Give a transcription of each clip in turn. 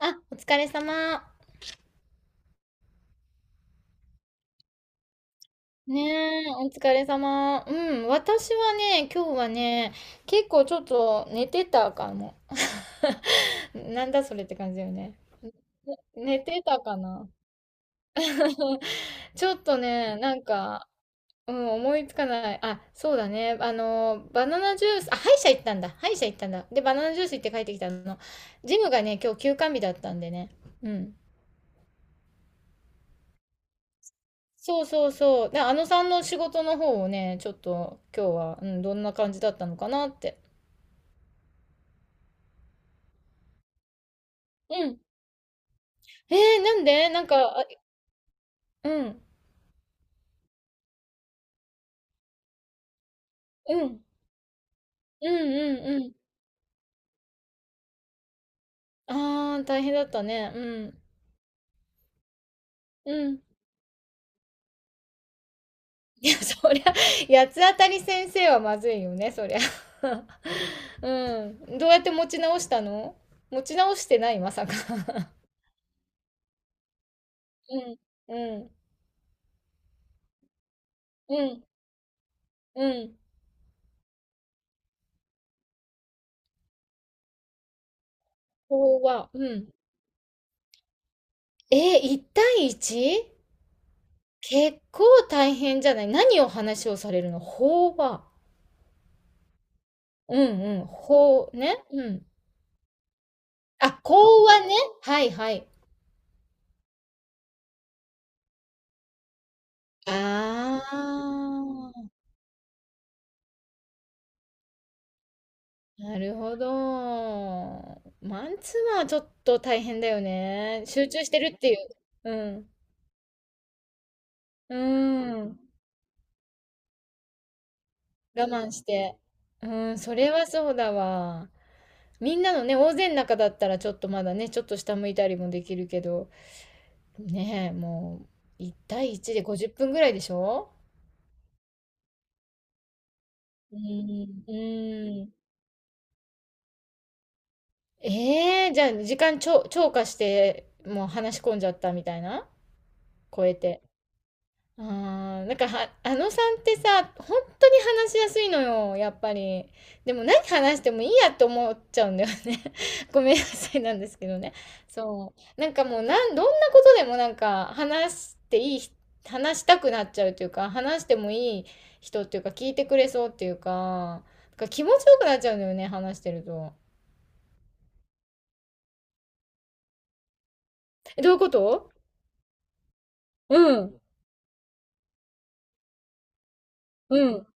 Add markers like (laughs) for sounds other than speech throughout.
あ、お疲れ様。ねえ、お疲れ様。うん、私はね、今日はね、結構ちょっと寝てたかも。(laughs) なんだそれって感じだよね。寝てたかな。(laughs) ちょっとね、なんか、うん、思いつかない。あ、そうだね。あの、バナナジュース、あ、歯医者行ったんだ。歯医者行ったんだ。で、バナナジュース行って帰ってきたの。ジムがね、今日休館日だったんでね。うん。そうそうそう。で、あのさんの仕事の方をね、ちょっと今日は、うん、どんな感じだったのかなって。うん。えなんでなんか、あ、うん、うん、うん、うん、うん。あー、大変だったね。うん、うん。(laughs) いや、そりゃ、八つ当たり先生はまずいよね、そりゃ。(laughs) うん。どうやって持ち直したの？持ち直してない、まさか。うん、うん、うん、うん。ここは、うん。1対 1？ 結構大変じゃない？何を話をされるの？法話。うんうん。法、ね。うん。あ、講話ね。はいはい。ああ、なるほど。マンツーマンはちょっと大変だよね。集中してるっていう。うん。うーん。我慢して。うん、それはそうだわ。みんなのね、大勢の中だったらちょっとまだね、ちょっと下向いたりもできるけど。ねえ、もう、1対1で50分ぐらいでしょ？うーん、うーん。ええ？じゃあ時間超、超過して、もう話し込んじゃったみたいな？超えて。ああ、なんかは、あのさんってさ、本当に話しやすいのよ、やっぱり。でも何話してもいいやって思っちゃうんだよね。(laughs) ごめんなさいなんですけどね。そう。なんかもうなん、どんなことでもなんか話していい、話したくなっちゃうというか、話してもいい人っていうか、聞いてくれそうっていうか、なんか気持ちよくなっちゃうんだよね、話してると。え、どういうこと？うん。うん。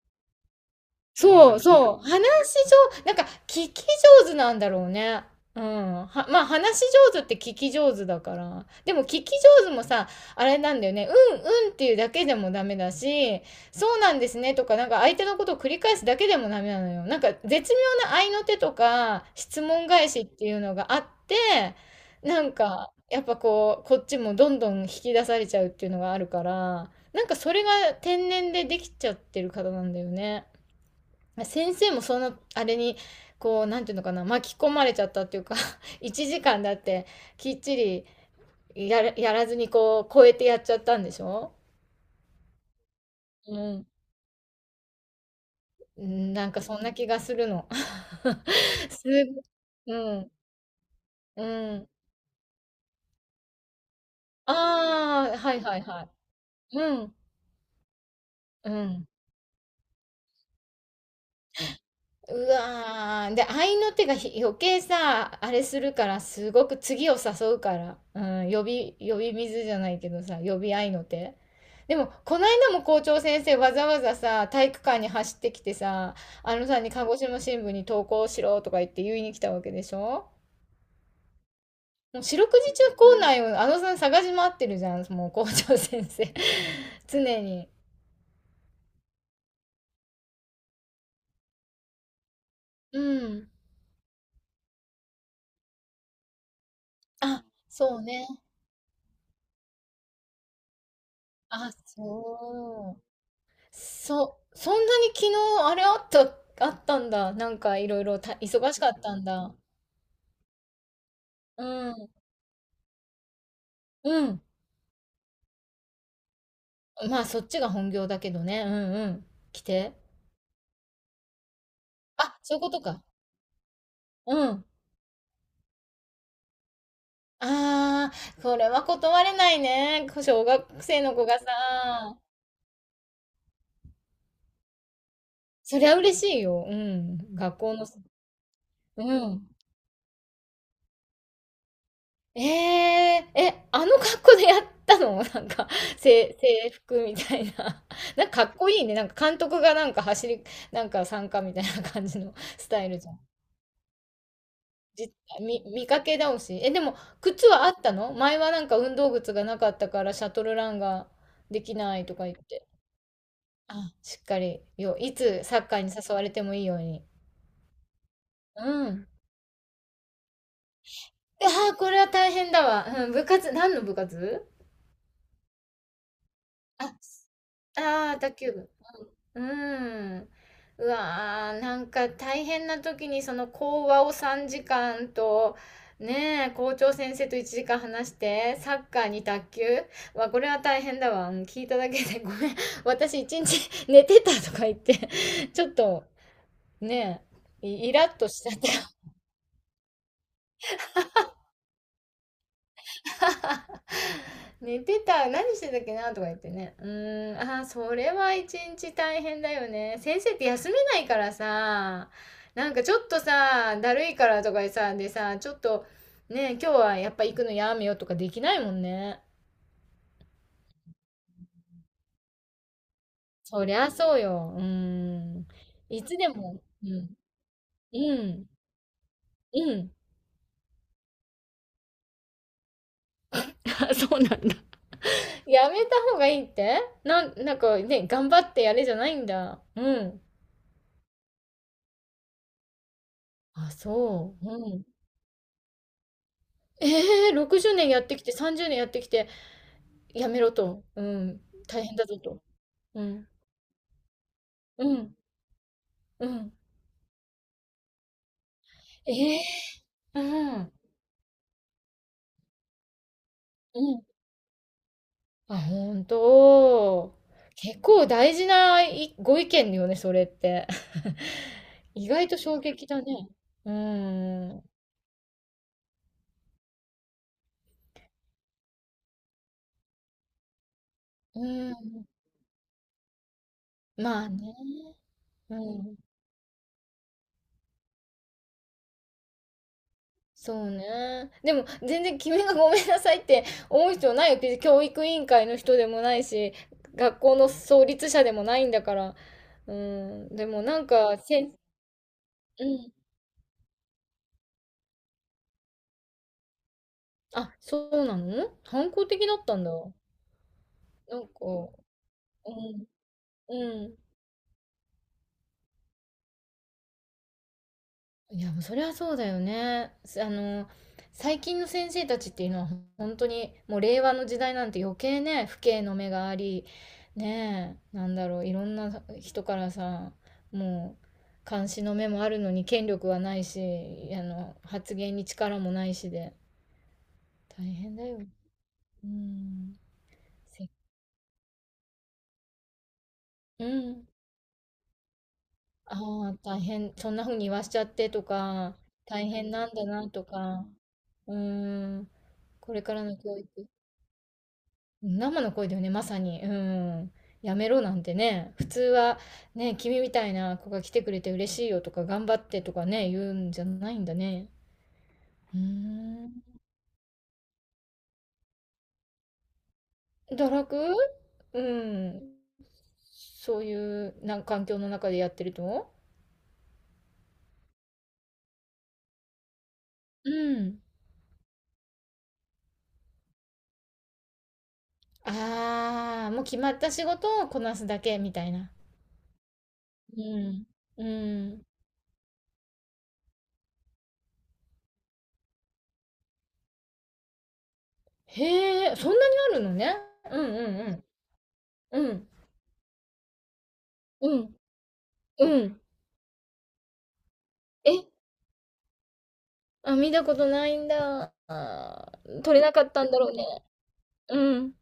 そうそう。話し上、なんか聞き上手なんだろうね。うん。は、まあ話し上手って聞き上手だから。でも聞き上手もさ、あれなんだよね。うんうんっていうだけでもダメだし、そうなんですねとか、なんか相手のことを繰り返すだけでもダメなのよ。なんか絶妙な合いの手とか、質問返しっていうのがあって、なんか、やっぱこう、こっちもどんどん引き出されちゃうっていうのがあるから、なんかそれが天然でできちゃってる方なんだよね。先生もそのあれにこうなんていうのかな、巻き込まれちゃったっていうか、 (laughs) 1時間だってきっちりやらずにこう超えてやっちゃったんでしょ？うん。うん、なんかそんな気がするの。(laughs) すご。うん、うん。ああ、はいはいはい。うん、うん。うわー。で、合いの手がひ余計さ、あれするから、すごく次を誘うから。うん、呼び水じゃないけどさ、呼び合いの手。でも、この間も校長先生わざわざさ、体育館に走ってきてさ、あのさんに鹿児島新聞に投稿しろとか言って言いに来たわけでしょ？もう四六時中校内をあのさん探し回ってるじゃん、もう校長先生。(laughs) 常に。うん。あ、そうね。あ、そう。そ、そんなに昨日あれあった、あったんだ。なんかいろいろた忙しかったんだ。うん。うん。まあそっちが本業だけどね。うんうん。来て。あ、そういうことか。うん。ああ、これは断れないね。小学生の子がさ。そりゃ嬉しいよ。うん。学校の、うん。ええ、え、あの格好でやったの？(laughs) なんか、せ制服みたいな。(laughs) なんかかっこいいね。なんか監督がなんか走り、なんか参加みたいな感じの (laughs) スタイルじゃん。じ、み見かけ倒し。え、でも靴はあったの？前はなんか運動靴がなかったからシャトルランができないとか言って。あ、しっかり、よ、いつサッカーに誘われてもいいように。うん。ああ、これは大変だわ。うん、部活、何の部活？あ、ああ、卓球部。うーん。うわー、なんか大変な時にその講話を3時間と、ねえ、校長先生と1時間話して、サッカーに卓球、わ、これは大変だわ。うん、聞いただけでごめん。私一日寝てたとか言って、ちょっとねえ、イイラッとしちゃった。(laughs) 寝てた何してたっけなとか言ってね。うーん、あー、それは一日大変だよね。先生って休めないからさ、なんかちょっとさ、だるいからとかでさ、ちょっとね、今日はやっぱ行くのやめようとかできないもんね。そりゃそうよ。うーん、いつでも。うん、うん、うん。 (laughs) あ、そうなんだ。やめた方がいいって、なん、なんかね、頑張ってやれじゃないんだ。うん。あ、そう。うん。ええ、60年やってきて、30年やってきて、やめろと。うん。大変だぞと。うん。うん。うん。ええー。うん。うん。あ、本当。結構大事ないご意見よね、それって。(laughs) 意外と衝撃だね。うん。うん。まあね。うん。そうね。でも、全然君がごめんなさいって思う必要ないよ。別に教育委員会の人でもないし、学校の創立者でもないんだから。うん。でもなんか、せん、うん。あ、そうなの？反抗的だったんだ。なんか、うん。うん。いや、もうそりゃそうだよね。す、あの、最近の先生たちっていうのは本当にもう令和の時代なんて余計ね、父兄の目があり、ねえ、なんだろう、いろんな人からさ、もう監視の目もあるのに権力はないし、あの、発言に力もないしで、大変だよ。うん。せ、うん。ああ、大変、そんな風に言わしちゃってとか、大変なんだなとか、うん。これからの教育。生の声だよね、まさに。うん。やめろなんてね、普通はね、君みたいな子が来てくれて嬉しいよとか、頑張ってとかね、言うんじゃないんだね。うーん。堕落。うん。そういうな環境の中でやってると。うん。ああ、もう決まった仕事をこなすだけみたいな。うん。うん。へえ、そんなにあるのね。うんうんうん。うん。うん。うん。え、あ、見たことないんだ。あー、取れなかったんだろうね。うん。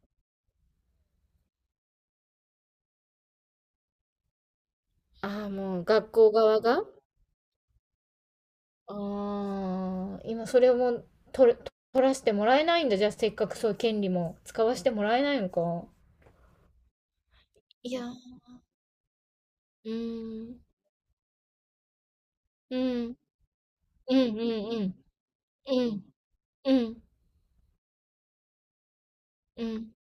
ああ、もう学校側が。ああ、今それをもう取れ、取らせてもらえないんだ。じゃあせっかくそういう権利も使わせてもらえないのか。いや、うーん、うん、うん、うん、うん、うん、うん、うん、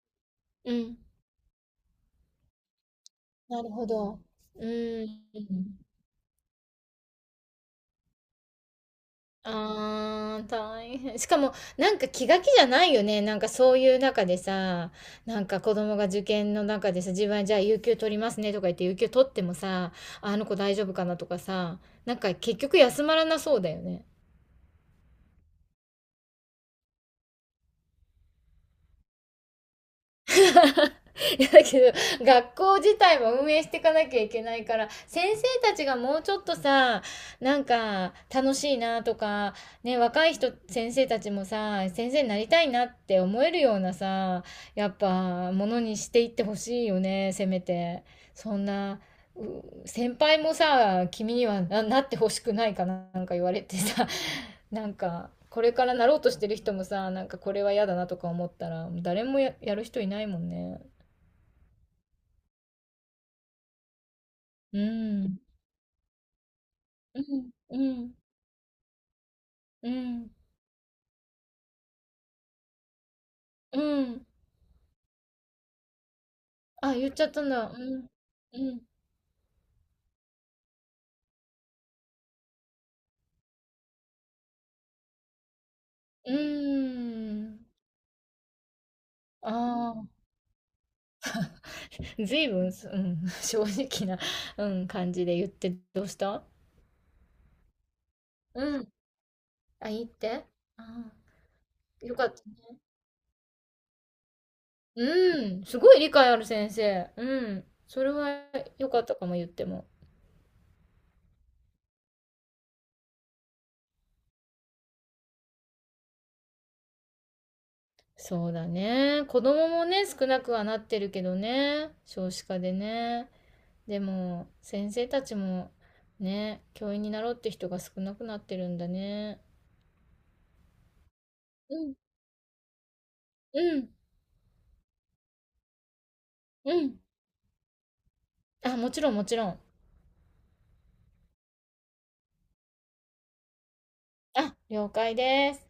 うん。なるほど。うーん。ああ、大変。しかも、なんか気が気じゃないよね。なんかそういう中でさ、なんか子供が受験の中でさ、自分はじゃあ有給取りますねとか言って、有給取ってもさ、あの子大丈夫かなとかさ、なんか結局休まらなそうだよね。(laughs) いや、だけど学校自体も運営していかなきゃいけないから、先生たちがもうちょっとさ、なんか楽しいなとかね、若い人先生たちもさ、先生になりたいなって思えるようなさ、やっぱものにしていってほしいよね、せめて。そんな、う、先輩もさ、君にはな、なってほしくないかな、なんか言われてさ、(laughs) なんか、これからなろうとしてる人もさ、なんかこれは嫌だなとか思ったら、誰もや、やる人いないもんね。うん。うん。うん。うん。うん。あ、言っちゃったんだ。うん。うん。うん。ああ。ずいぶん、うん、(laughs) 正直な、うん、感じで言ってどうした？うん。あ、いいって？ああー、よかった。うん、すごい理解ある先生。うん。それは良かったかも、言っても。そうだね。子供もね、少なくはなってるけどね。少子化でね。でも、先生たちもね、教員になろうって人が少なくなってるんだね。うん、うん、うん。あ、もちろんもちろん。あ、了解です。